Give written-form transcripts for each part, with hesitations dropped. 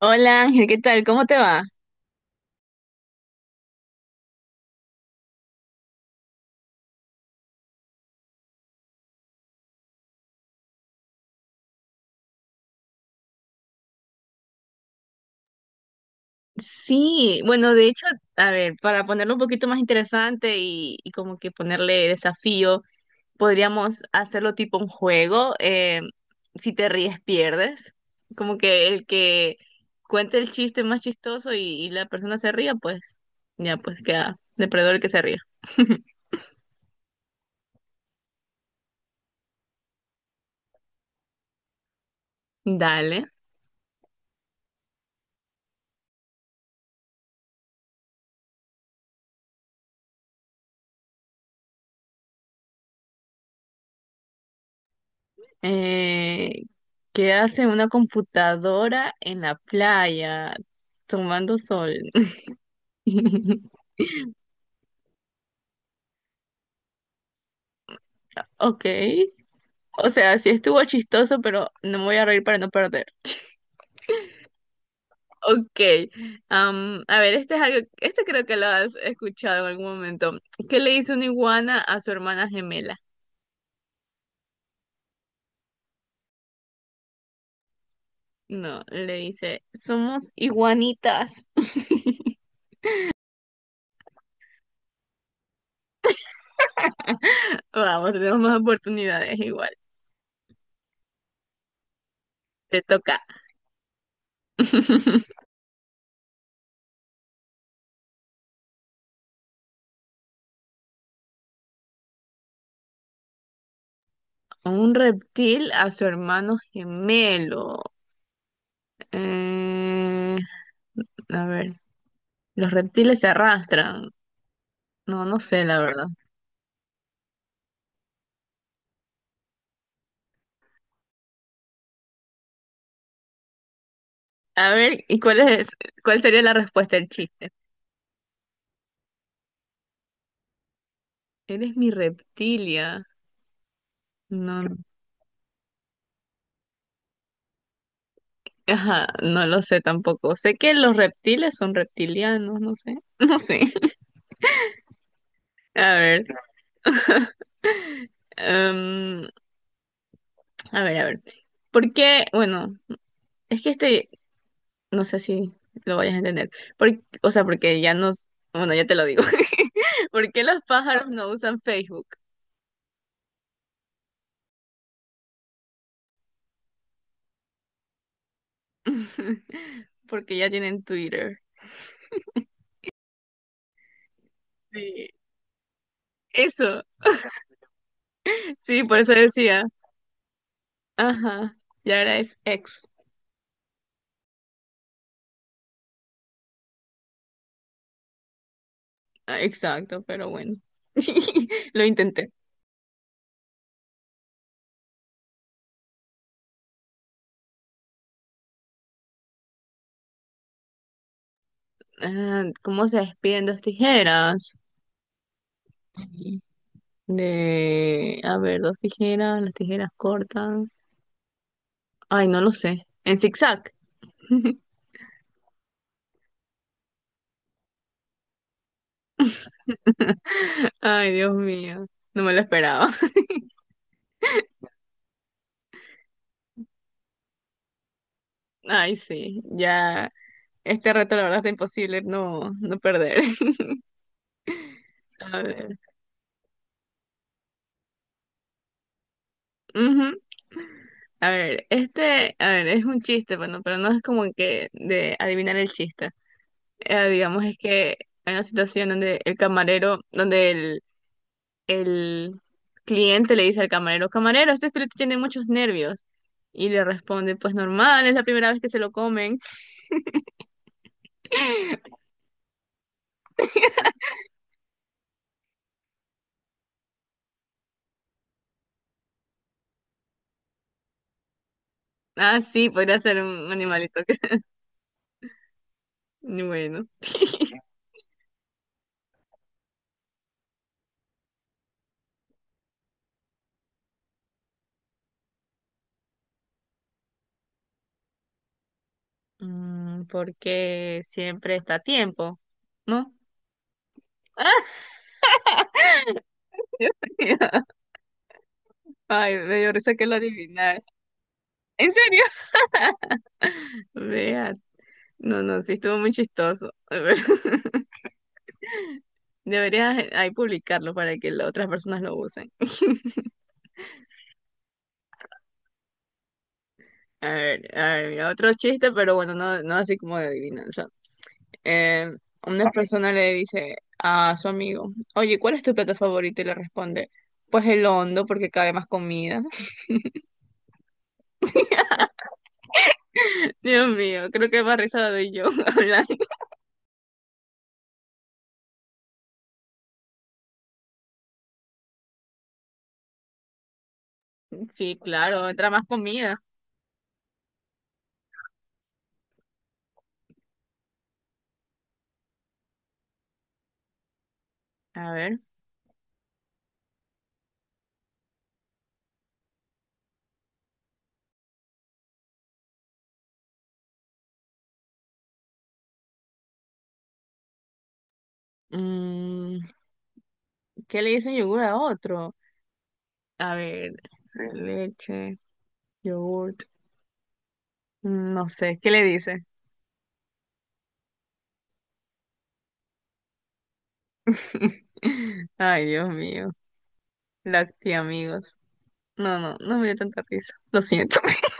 Hola Ángel, ¿qué tal? ¿Cómo te va? Sí, bueno, de hecho, a ver, para ponerlo un poquito más interesante y como que ponerle desafío, podríamos hacerlo tipo un juego. Si te ríes, pierdes. Como que el que cuente el chiste más chistoso y la persona se ría, pues ya, pues queda depredador el que se ría. Dale. Eh, ¿Qué hace una computadora en la playa tomando sol? Ok. O sea, sí estuvo chistoso, pero no me voy a reír para no perder. Ok, a ver, este es algo, este creo que lo has escuchado en algún momento. ¿Qué le dice una iguana a su hermana gemela? No, le dice, somos iguanitas. Vamos, tenemos más oportunidades igual. Te toca. Un reptil a su hermano gemelo. Eh, a ver, los reptiles se arrastran. No, no sé, la verdad. A ver, ¿cuál sería la respuesta del chiste? Eres mi reptilia. No, ajá, no lo sé tampoco. Sé que los reptiles son reptilianos, no sé, no sé. A ver, em, a ver, a ver. ¿Por qué? Bueno, es que este, no sé si lo vayas a entender. O sea, porque ya nos, bueno, ya te lo digo. ¿Por qué los pájaros no usan Facebook? Porque ya tienen Twitter. Sí, eso. Sí, por eso decía. Ajá, y ahora es ex. Ah, exacto, pero bueno. Lo intenté. Ah, ¿cómo se despiden dos tijeras? De, a ver, dos tijeras, las tijeras cortan. Ay, no lo sé. En zigzag. Ay, Dios mío. No me lo esperaba. Ay, sí. Ya. Este reto, la verdad, está imposible no, no perder. A ver. Ujú. A ver, este, a ver, es un chiste, bueno, pero no es como que de adivinar el chiste. Digamos, es que hay una situación donde el cliente le dice al camarero, camarero, este filete tiene muchos nervios. Y le responde, pues normal, es la primera vez que se lo comen. Ah, sí, podría ser un animalito. Bueno, mm, porque siempre está a tiempo, ¿no? Ay, me dio risa que lo adivinara. ¿En serio? Vea, no, no, sí estuvo muy chistoso. Deberías ahí publicarlo para que las otras personas lo usen. A ver, mira, otro chiste, pero bueno, no, no así como de adivinanza. Eh, una persona le dice a su amigo, oye, ¿cuál es tu plato favorito? Y le responde, pues el hondo, porque cabe más comida. Dios mío, creo que más risa doy yo hablando. Sí, claro, entra más comida. A ver, mm, ¿qué le dice un yogur a otro? A ver, leche, yogurt, mm, no sé, ¿qué le dice? Ay, Dios mío. Lacti, amigos. No, no, no me dio tanta risa. Lo siento.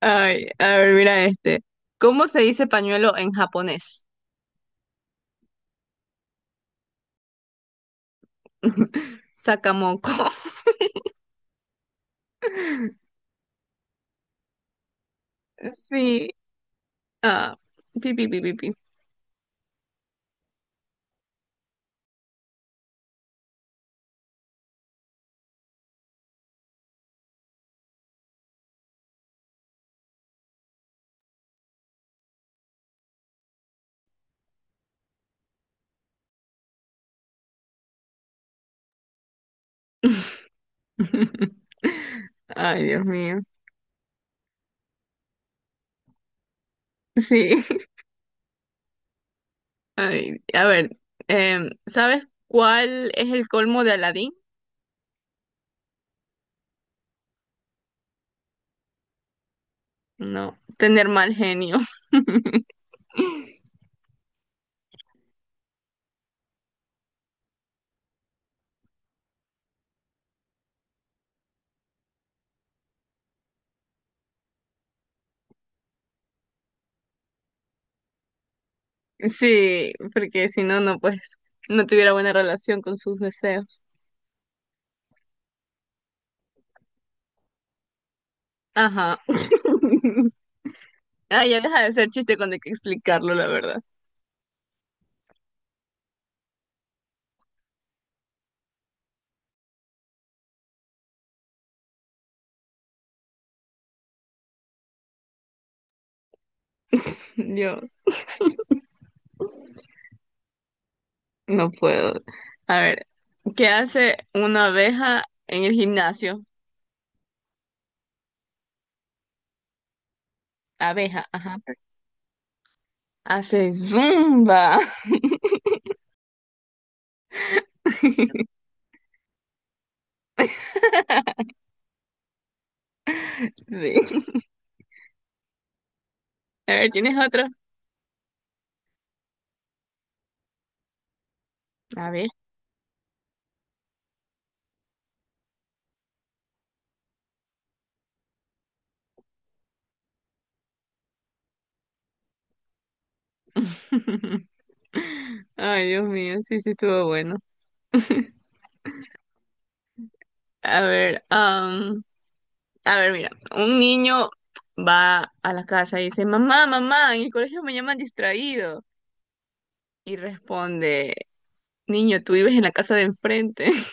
Ay, a ver, mira este. ¿Cómo se dice pañuelo en japonés? Sakamoko. Sí. Ah, pi, pi, pi, pi, pi. Ay, Dios mío. Sí. Ay, a ver, ¿sabes cuál es el colmo de Aladín? No, tener mal genio. Sí, porque si no, no, pues, no tuviera buena relación con sus deseos. Ajá. Ah, ya deja de ser chiste cuando hay que explicarlo, la verdad. Dios, no puedo. A ver, ¿qué hace una abeja en el gimnasio? Abeja, ajá. Hace zumba. Sí. A ver, ¿tienes otro? A ver. Ay, Dios mío, sí, sí estuvo bueno. A ver, a ver, mira, un niño va a la casa y dice, mamá, mamá, en el colegio me llaman distraído. Y responde, niño, tú vives en la casa de enfrente.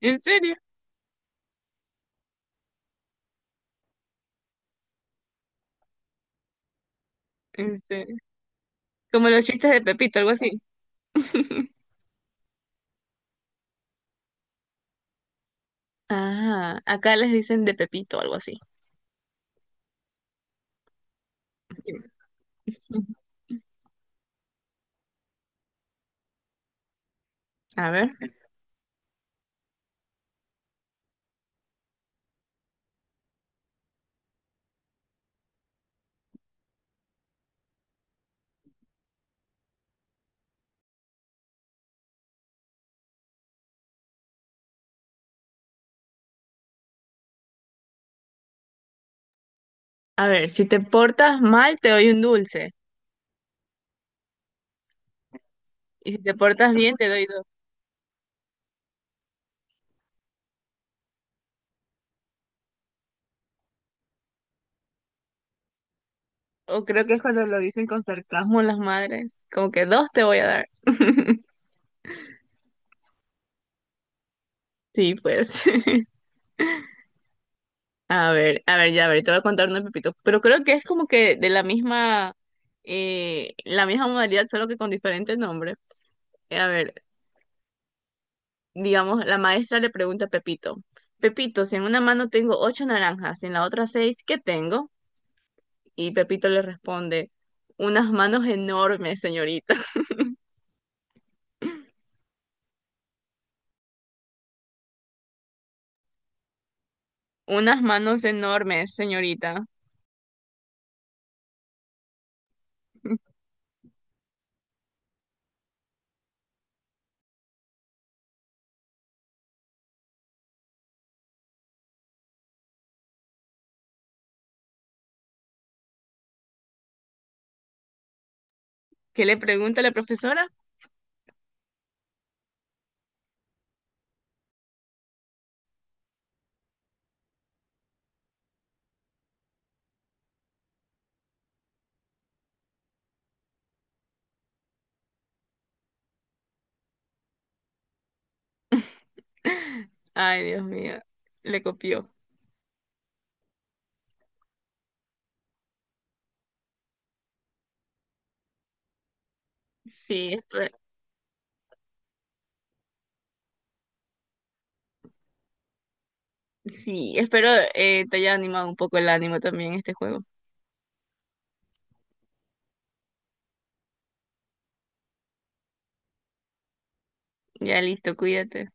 ¿En serio? En serio. Como los chistes de Pepito, algo así. Ah, acá les dicen de Pepito, algo así. A ver, a ver, si te portas mal, te doy un dulce. Y si te portas bien, te doy dos. O creo que es cuando lo dicen con sarcasmo las madres, como que dos te voy a dar. Sí, pues. A ver, ya, a ver, te voy a contar uno de Pepito. Pero creo que es como que de la misma modalidad, solo que con diferente nombre. A ver, digamos, la maestra le pregunta a Pepito, Pepito, si en una mano tengo ocho naranjas y en la otra seis, ¿qué tengo? Y Pepito le responde, unas manos enormes, señorita. Unas manos enormes, señorita. ¿Qué le pregunta la profesora? Ay, Dios mío, le copió. Sí, sí, espero te haya animado un poco el ánimo también este juego. Ya listo, cuídate.